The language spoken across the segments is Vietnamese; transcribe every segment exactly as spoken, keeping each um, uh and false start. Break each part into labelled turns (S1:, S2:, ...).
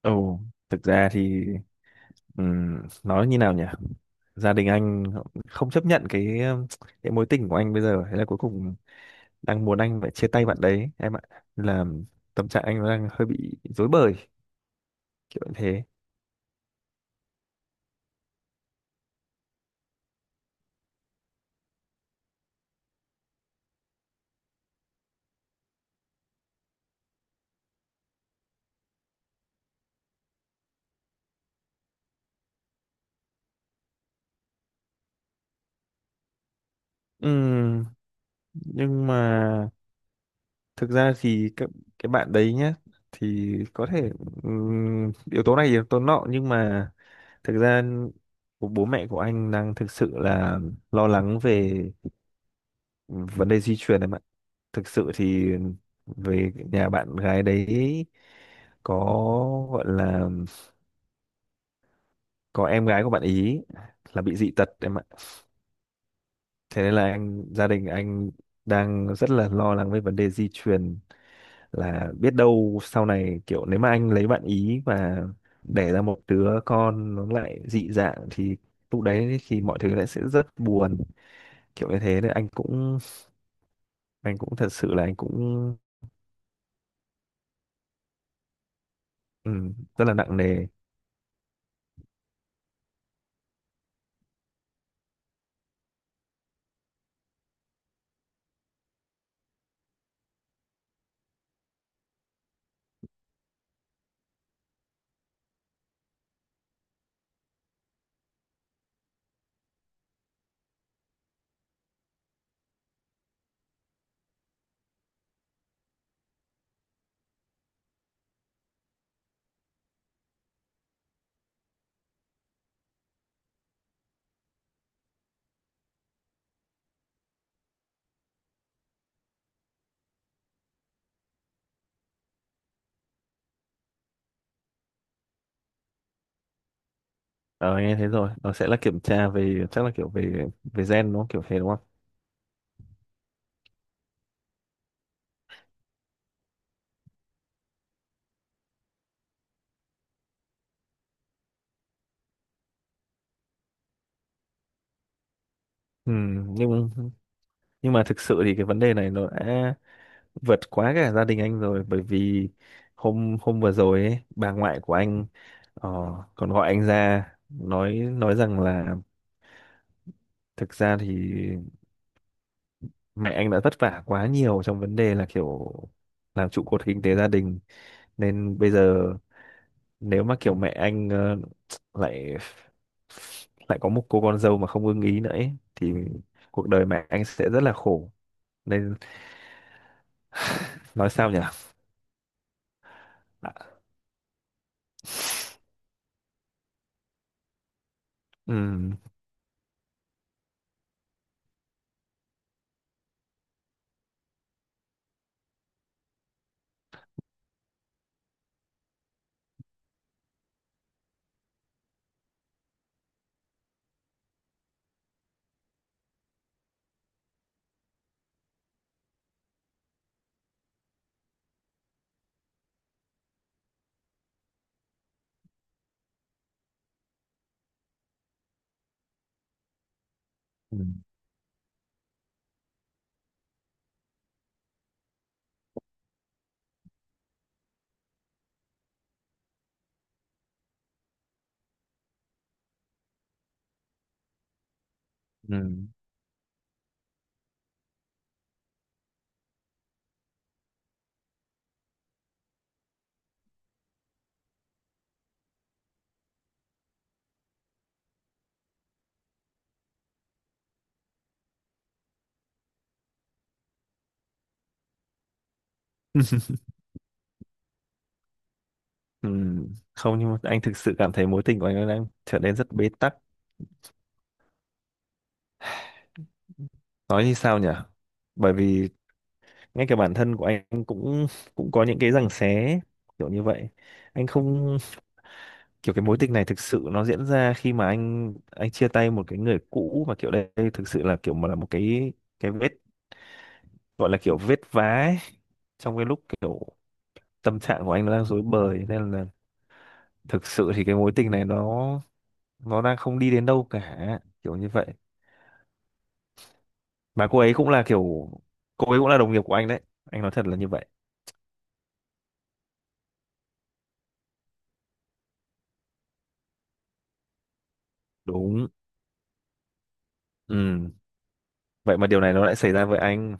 S1: Ồ, thực ra thì ừm, nói như nào nhỉ? Gia đình anh họ không chấp nhận cái, ừm, cái mối tình của anh bây giờ. Thế là cuối cùng đang muốn anh phải chia tay bạn đấy em ạ. Là tâm trạng anh đang hơi bị rối bời kiểu như thế. Ừm, nhưng mà thực ra thì cái, cái bạn đấy nhá thì có thể ừm, yếu tố này yếu tố nọ, nhưng mà thực ra của bố mẹ của anh đang thực sự là lo lắng về vấn đề di truyền em ạ. Thực sự thì về nhà bạn gái đấy có gọi là có em gái của bạn ý là bị dị tật em ạ. Thế nên là anh gia đình anh đang rất là lo lắng về vấn đề di truyền, là biết đâu sau này kiểu nếu mà anh lấy bạn ý và đẻ ra một đứa con nó lại dị dạng thì lúc đấy thì mọi thứ lại sẽ rất buồn kiểu như thế. Nên anh cũng anh cũng thật sự là anh cũng ừ, rất là nặng nề. Ờ Nghe thế rồi, nó sẽ là kiểm tra về chắc là kiểu về về gen đúng không? Kiểu thế đúng không? Ừ, nhưng nhưng mà thực sự thì cái vấn đề này nó đã vượt quá cả gia đình anh rồi, bởi vì hôm hôm vừa rồi ấy, bà ngoại của anh ờ, còn gọi anh ra nói nói rằng là thực ra thì mẹ anh đã vất vả quá nhiều trong vấn đề là kiểu làm trụ cột kinh tế gia đình, nên bây giờ nếu mà kiểu mẹ anh ờ, lại lại có một cô con dâu mà không ưng ý nữa ấy, thì cuộc đời mẹ anh sẽ rất là khổ, nên nói sao nhỉ. Ừ. Ừ. Ừ. Ừ. Không, nhưng mà anh thực sự cảm thấy mối tình của anh đang trở nên rất bế tắc, nói như sao nhỉ, bởi vì ngay cả bản thân của anh cũng cũng có những cái giằng xé kiểu như vậy. Anh không, kiểu cái mối tình này thực sự nó diễn ra khi mà anh anh chia tay một cái người cũ, mà kiểu đây thực sự là kiểu mà là một cái cái vết, gọi là kiểu vết vá ấy, trong cái lúc kiểu tâm trạng của anh nó đang rối bời, nên là thực sự thì cái mối tình này nó nó đang không đi đến đâu cả kiểu như vậy. Mà cô ấy cũng là kiểu cô ấy cũng là đồng nghiệp của anh đấy, anh nói thật là như vậy. Đúng. Ừ. Vậy mà điều này nó lại xảy ra với anh.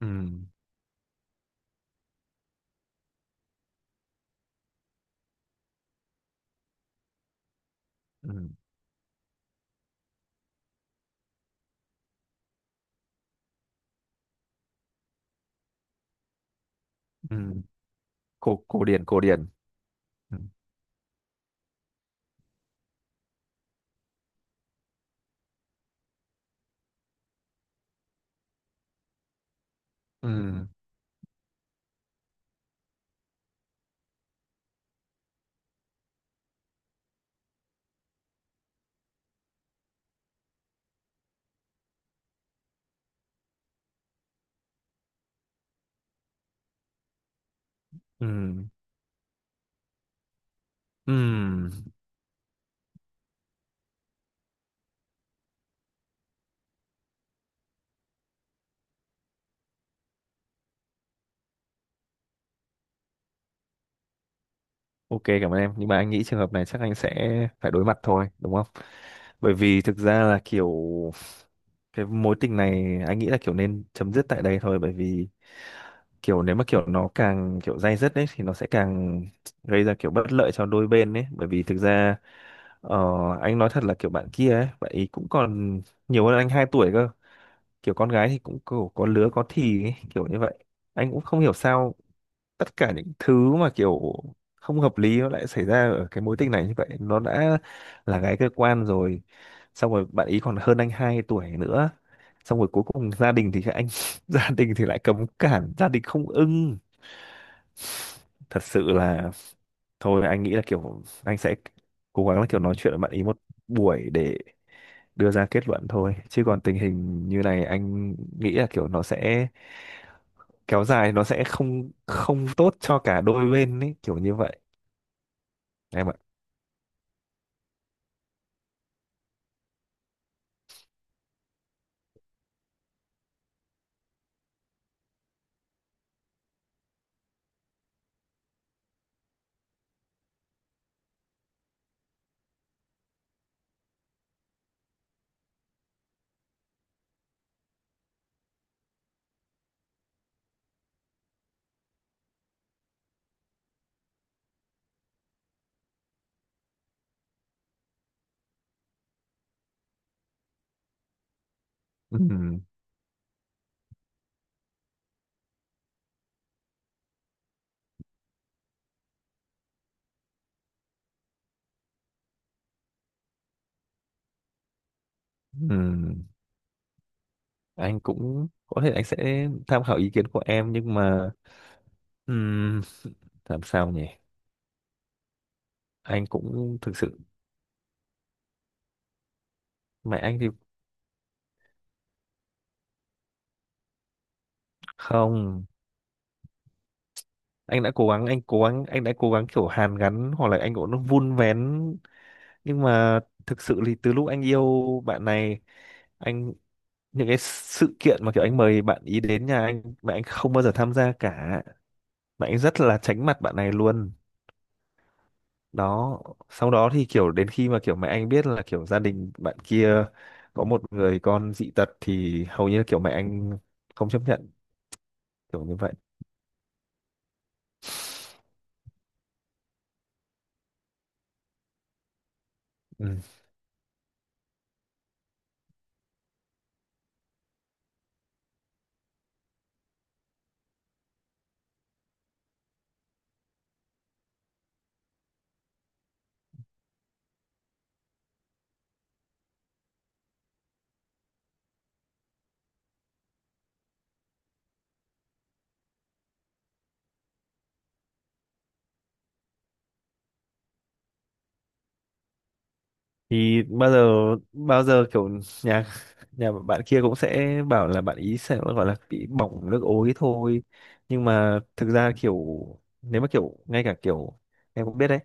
S1: Ừ. Ừ. Ừ. cổ cổ điển cổ điển. Ừ. Ừ. Ừ. Ừ. OK, cảm ơn em, nhưng mà anh nghĩ trường hợp này chắc anh sẽ phải đối mặt thôi đúng không? Bởi vì thực ra là kiểu cái mối tình này anh nghĩ là kiểu nên chấm dứt tại đây thôi, bởi vì kiểu nếu mà kiểu nó càng kiểu day dứt đấy thì nó sẽ càng gây ra kiểu bất lợi cho đôi bên đấy, bởi vì thực ra ờ, anh nói thật là kiểu bạn kia ấy bạn ấy cũng còn nhiều hơn anh hai tuổi cơ. Kiểu con gái thì cũng kiểu có lứa có thì ấy, kiểu như vậy. Anh cũng không hiểu sao tất cả những thứ mà kiểu không hợp lý nó lại xảy ra ở cái mối tình này, như vậy nó đã là gái cơ quan rồi, xong rồi bạn ý còn hơn anh hai tuổi nữa, xong rồi cuối cùng gia đình thì anh gia đình thì lại cấm cản, gia đình không ưng, thật sự là. Thôi anh nghĩ là kiểu anh sẽ cố gắng là kiểu nói chuyện với bạn ý một buổi để đưa ra kết luận thôi, chứ còn tình hình như này anh nghĩ là kiểu nó sẽ kéo dài, nó sẽ không không tốt cho cả đôi bên ấy kiểu như vậy em ạ. Ừm, ừm, anh cũng có thể anh sẽ tham khảo ý kiến của em, nhưng mà ừm, làm sao nhỉ. Anh cũng thực sự mẹ anh thì không, anh đã cố gắng anh cố gắng anh đã cố gắng kiểu hàn gắn hoặc là anh cũng vun vén, nhưng mà thực sự thì từ lúc anh yêu bạn này, anh những cái sự kiện mà kiểu anh mời bạn ý đến nhà anh mà anh không bao giờ tham gia cả. Mẹ anh rất là tránh mặt bạn này luôn đó, sau đó thì kiểu đến khi mà kiểu mẹ anh biết là kiểu gia đình bạn kia có một người con dị tật thì hầu như kiểu mẹ anh không chấp nhận kiểu như vậy. Ừ. Thì bao giờ bao giờ kiểu nhà nhà bạn kia cũng sẽ bảo là bạn ý sẽ gọi là bị bỏng nước ối thôi, nhưng mà thực ra kiểu nếu mà kiểu ngay cả kiểu em cũng biết đấy,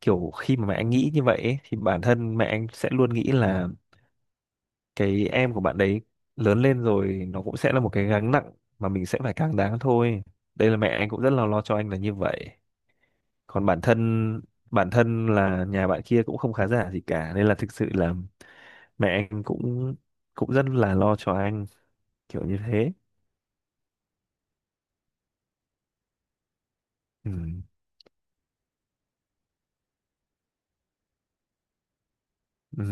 S1: kiểu khi mà mẹ anh nghĩ như vậy ấy, thì bản thân mẹ anh sẽ luôn nghĩ là cái em của bạn đấy lớn lên rồi nó cũng sẽ là một cái gánh nặng mà mình sẽ phải càng đáng thôi. Đây là mẹ anh cũng rất là lo cho anh là như vậy. Còn bản thân bản thân là nhà bạn kia cũng không khá giả gì cả, nên là thực sự là mẹ anh cũng cũng rất là lo cho anh kiểu như thế. Ừ. Ừ.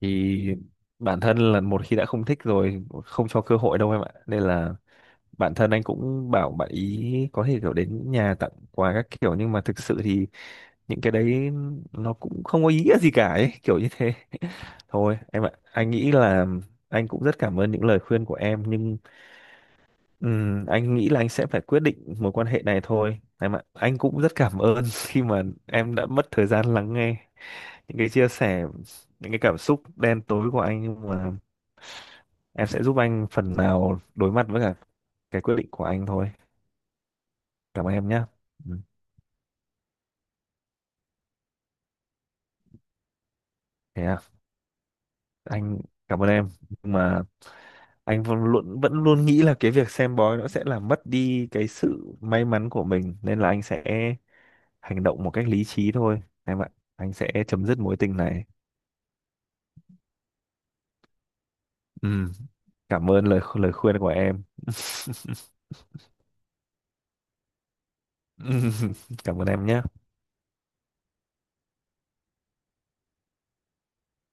S1: Thì bản thân là một khi đã không thích rồi, không cho cơ hội đâu em ạ, nên là bản thân anh cũng bảo bạn ý có thể kiểu đến nhà tặng quà các kiểu, nhưng mà thực sự thì những cái đấy nó cũng không có ý nghĩa gì cả ấy, kiểu như thế. Thôi em ạ, anh nghĩ là anh cũng rất cảm ơn những lời khuyên của em, nhưng ừm, anh nghĩ là anh sẽ phải quyết định mối quan hệ này thôi em ạ. Anh cũng rất cảm ơn khi mà em đã mất thời gian lắng nghe những cái chia sẻ, những cái cảm xúc đen tối của anh, nhưng mà em sẽ giúp anh phần nào đối mặt với cả cái quyết định của anh thôi. Cảm ơn em nhé. Ừ, thế à. Anh cảm ơn em nhưng mà anh vẫn luôn vẫn luôn nghĩ là cái việc xem bói nó sẽ làm mất đi cái sự may mắn của mình, nên là anh sẽ hành động một cách lý trí thôi em ạ. Anh sẽ chấm dứt mối tình này. Ừm, Cảm ơn lời lời khuyên của em. Ừm, Cảm ơn em nhé.